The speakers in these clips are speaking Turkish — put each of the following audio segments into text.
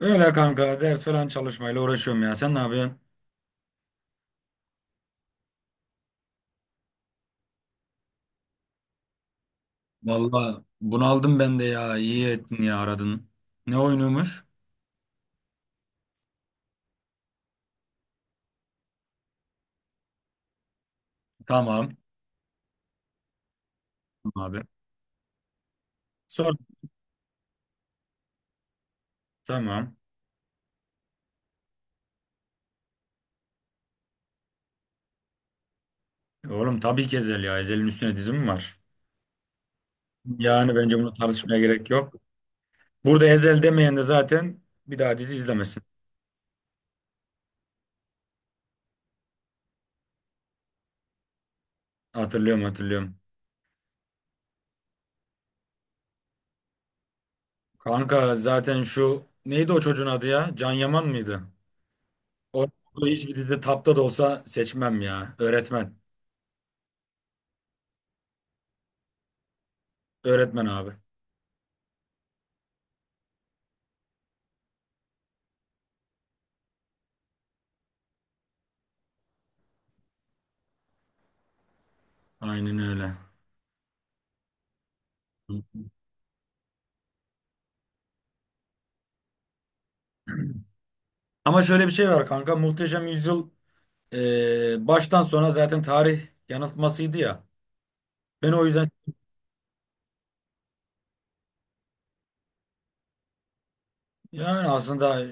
Öyle kanka ders falan çalışmayla uğraşıyorum ya. Sen ne yapıyorsun? Vallahi bunaldım ben de ya. İyi ettin ya aradın. Ne oynuyormuş? Tamam. Tamam abi. Sor. Tamam. Oğlum tabii ki Ezel ya. Ezel'in üstüne dizi mi var? Yani bence bunu tartışmaya gerek yok. Burada Ezel demeyen de zaten bir daha dizi izlemesin. Hatırlıyorum hatırlıyorum. Kanka zaten şu neydi o çocuğun adı ya? Can Yaman mıydı? O hiçbir dizide tapta da olsa seçmem ya. Öğretmen. Öğretmen abi. Aynen öyle. Ama şöyle bir şey var kanka. Muhteşem Yüzyıl baştan sona zaten tarih yanıltmasıydı ya. Ben o yüzden yani aslında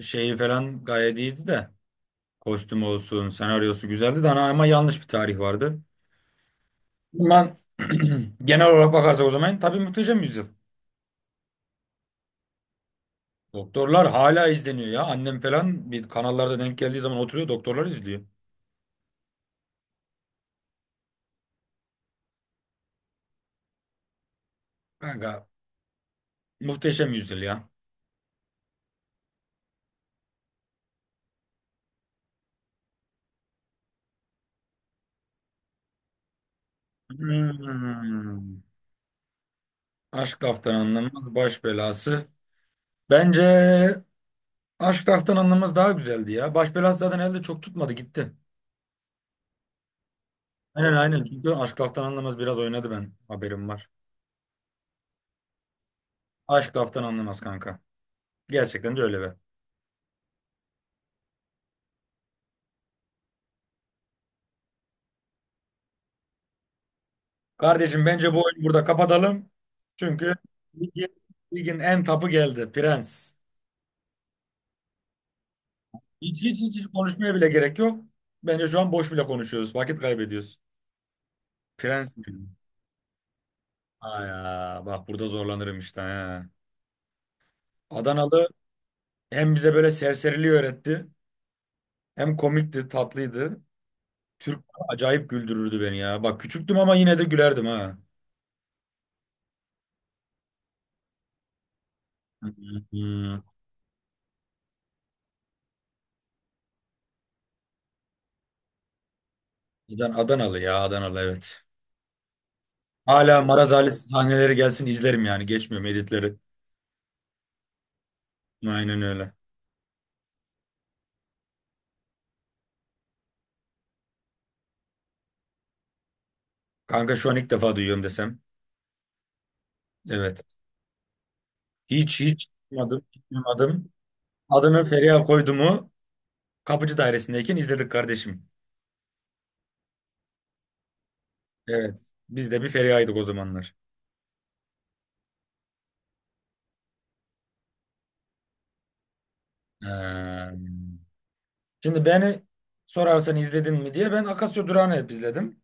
şeyi falan gayet iyiydi de. Kostüm olsun, senaryosu güzeldi de ama yanlış bir tarih vardı. Ben genel olarak bakarsak o zaman tabii Muhteşem Yüzyıl. Doktorlar hala izleniyor ya. Annem falan bir kanallarda denk geldiği zaman oturuyor doktorlar izliyor. Kanka Muhteşem Yüzyıl ya. Hmm. Aşk laftan anlanmaz baş belası. Bence Aşk Laftan Anlamaz daha güzeldi ya. Baş belası zaten elde çok tutmadı gitti. Aynen aynen çünkü Aşk Laftan Anlamaz biraz oynadı ben haberim var. Aşk Laftan Anlamaz kanka. Gerçekten de öyle be. Kardeşim bence bu oyunu burada kapatalım. Çünkü ligin, ligin en tapı geldi Prens. Hiç konuşmaya bile gerek yok. Bence şu an boş bile konuşuyoruz. Vakit kaybediyoruz. Prens diyorum. Aya bak burada zorlanırım işte. He. Adanalı hem bize böyle serseriliği öğretti. Hem komikti, tatlıydı. Türk acayip güldürürdü beni ya. Bak küçüktüm ama yine de gülerdim ha. Hmm. Adanalı ya, Adanalı evet. Hala Maraz Ali sahneleri gelsin izlerim yani. Geçmiyorum editleri. Aynen öyle. Kanka şu an ilk defa duyuyorum desem. Evet. Hiç duymadım. Adını Feriha koydu mu kapıcı dairesindeyken izledik kardeşim. Evet. Biz de bir Feriha'ydık o zamanlar. Ee, Şimdi beni sorarsan izledin mi diye ben Akasya Durağı'nı hep izledim.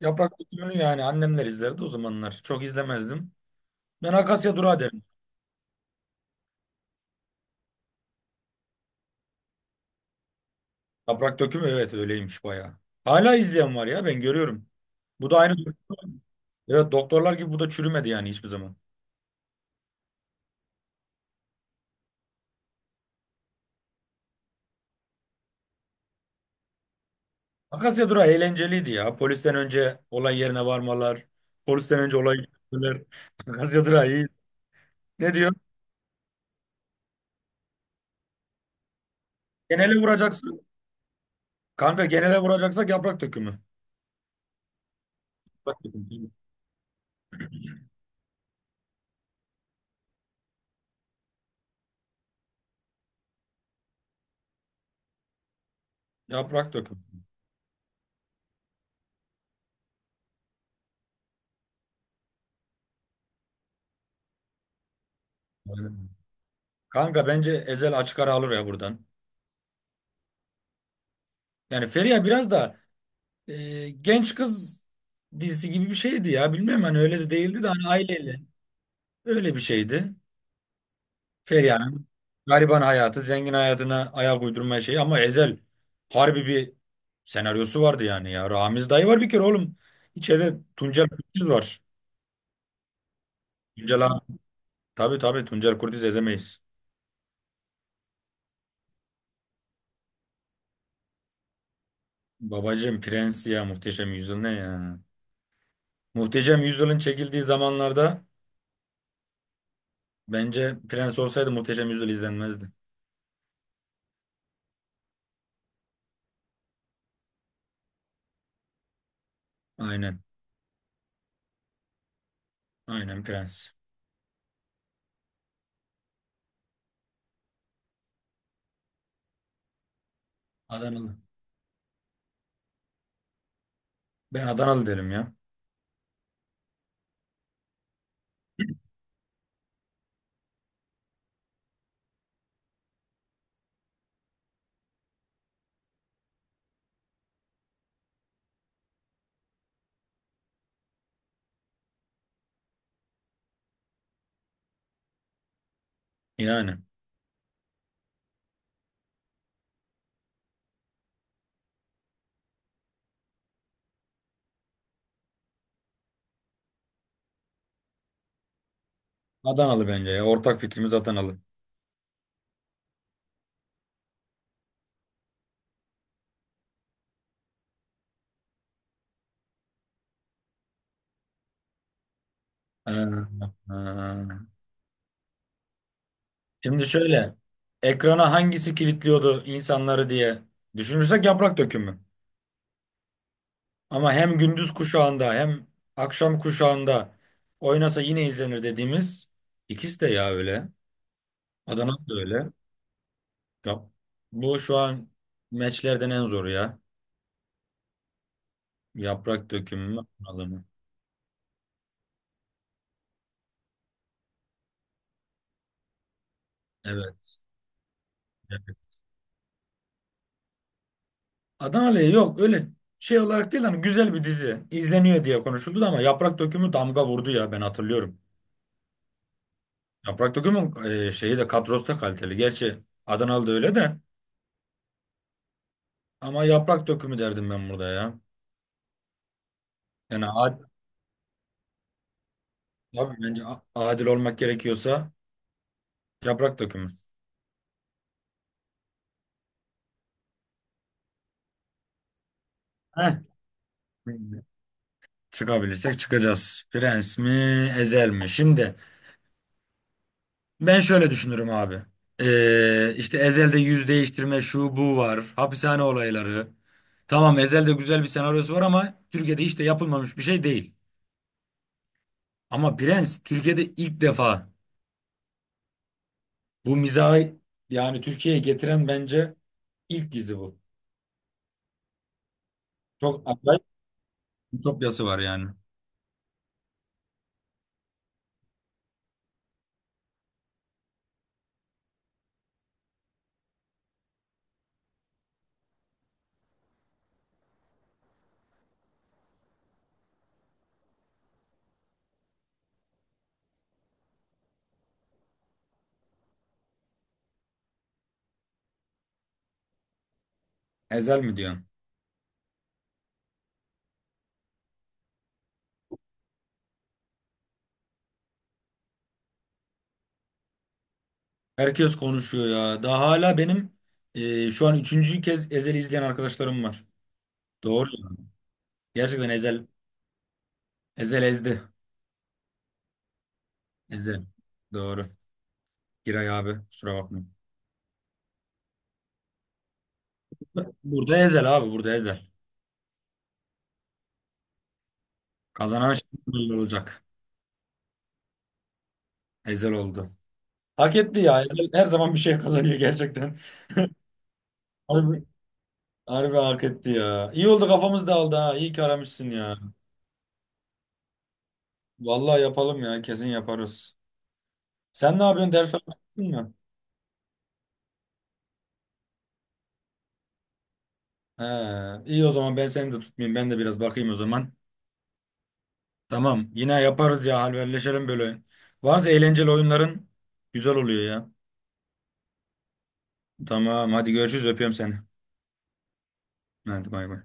Yaprak dökümü yani annemler izlerdi o zamanlar. Çok izlemezdim. Ben Akasya Durağı derim. Yaprak dökümü evet öyleymiş bayağı. Hala izleyen var ya ben görüyorum. Bu da aynı. Evet doktorlar gibi bu da çürümedi yani hiçbir zaman. Akasya Durağı eğlenceliydi ya. Polisten önce olay yerine varmalar. Polisten önce olay çözmeler. Akasya Durağı iyi. Ne diyor? Genele vuracaksın. Kanka genele vuracaksak yaprak dökümü. Yaprak dökümü. Yaprak dökümü. Aynen. Kanka bence Ezel açık ara alır ya buradan. Yani Feriha biraz da genç kız dizisi gibi bir şeydi ya. Bilmem hani öyle de değildi de hani aileyle. Öyle bir şeydi. Feriha'nın gariban hayatı, zengin hayatına ayak uydurma şeyi ama Ezel harbi bir senaryosu vardı yani ya. Ramiz dayı var bir kere oğlum. İçeride Tuncel Kurtiz var. Tuncel abi. Tabii tabii Tuncel Kurtiz ezemeyiz. Babacığım Prens ya Muhteşem Yüzyıl ne ya? Muhteşem Yüzyıl'ın çekildiği zamanlarda bence Prens olsaydı Muhteşem Yüzyıl izlenmezdi. Aynen. Aynen Prens. Adanalı. Ben Adanalı derim ya. Yani. Adanalı bence ya. Ortak fikrimiz Adanalı. Ee, ee. Şimdi şöyle. Ekrana hangisi kilitliyordu insanları diye düşünürsek yaprak dökümü. Ama hem gündüz kuşağında hem akşam kuşağında oynasa yine izlenir dediğimiz ikisi de ya öyle. Adanalı da öyle. Yap. Bu şu an meçlerden en zoru ya. Yaprak dökümü mü? Adanalı mı? Evet. Adanalı'ya yok öyle şey olarak değil hani güzel bir dizi izleniyor diye konuşuldu da ama Yaprak Dökümü damga vurdu ya ben hatırlıyorum. Yaprak Dökümü'nün şeyi de kadrosu da kaliteli. Gerçi Adanalı da öyle de ama Yaprak Dökümü derdim ben burada ya. Yani abi bence adil olmak gerekiyorsa Yaprak Dökümü. Heh. Çıkabilirsek çıkacağız. Prens mi, Ezel mi? Şimdi ben şöyle düşünürüm abi. İşte Ezel'de yüz değiştirme şu bu var. Hapishane olayları. Tamam Ezel'de güzel bir senaryosu var ama Türkiye'de hiç de yapılmamış bir şey değil. Ama Prens Türkiye'de ilk defa bu mizahı yani Türkiye'ye getiren bence ilk dizi bu. Çok acayip ütopyası var yani. Ezel mi diyorsun? Herkes konuşuyor ya. Daha hala benim şu an üçüncü kez Ezel'i izleyen arkadaşlarım var. Doğru ya. Gerçekten Ezel ezdi. Ezel. Doğru. Giray abi kusura bakma. Burada Ezel abi burada Ezel. Kazanan şimdi olacak. Ezel oldu. Hak etti ya. Ezel her zaman bir şey kazanıyor gerçekten. Harbi, harbi hak etti ya. İyi oldu kafamız dağıldı ha. İyi ki aramışsın ya. Vallahi yapalım ya kesin yaparız. Sen ne yapıyorsun ders falan yaptın mı? He, iyi o zaman ben seni de tutmayayım. Ben de biraz bakayım o zaman. Tamam yine yaparız ya halverleşelim böyle. Varsa eğlenceli oyunların güzel oluyor ya. Tamam hadi görüşürüz öpüyorum seni. Hadi bay bay.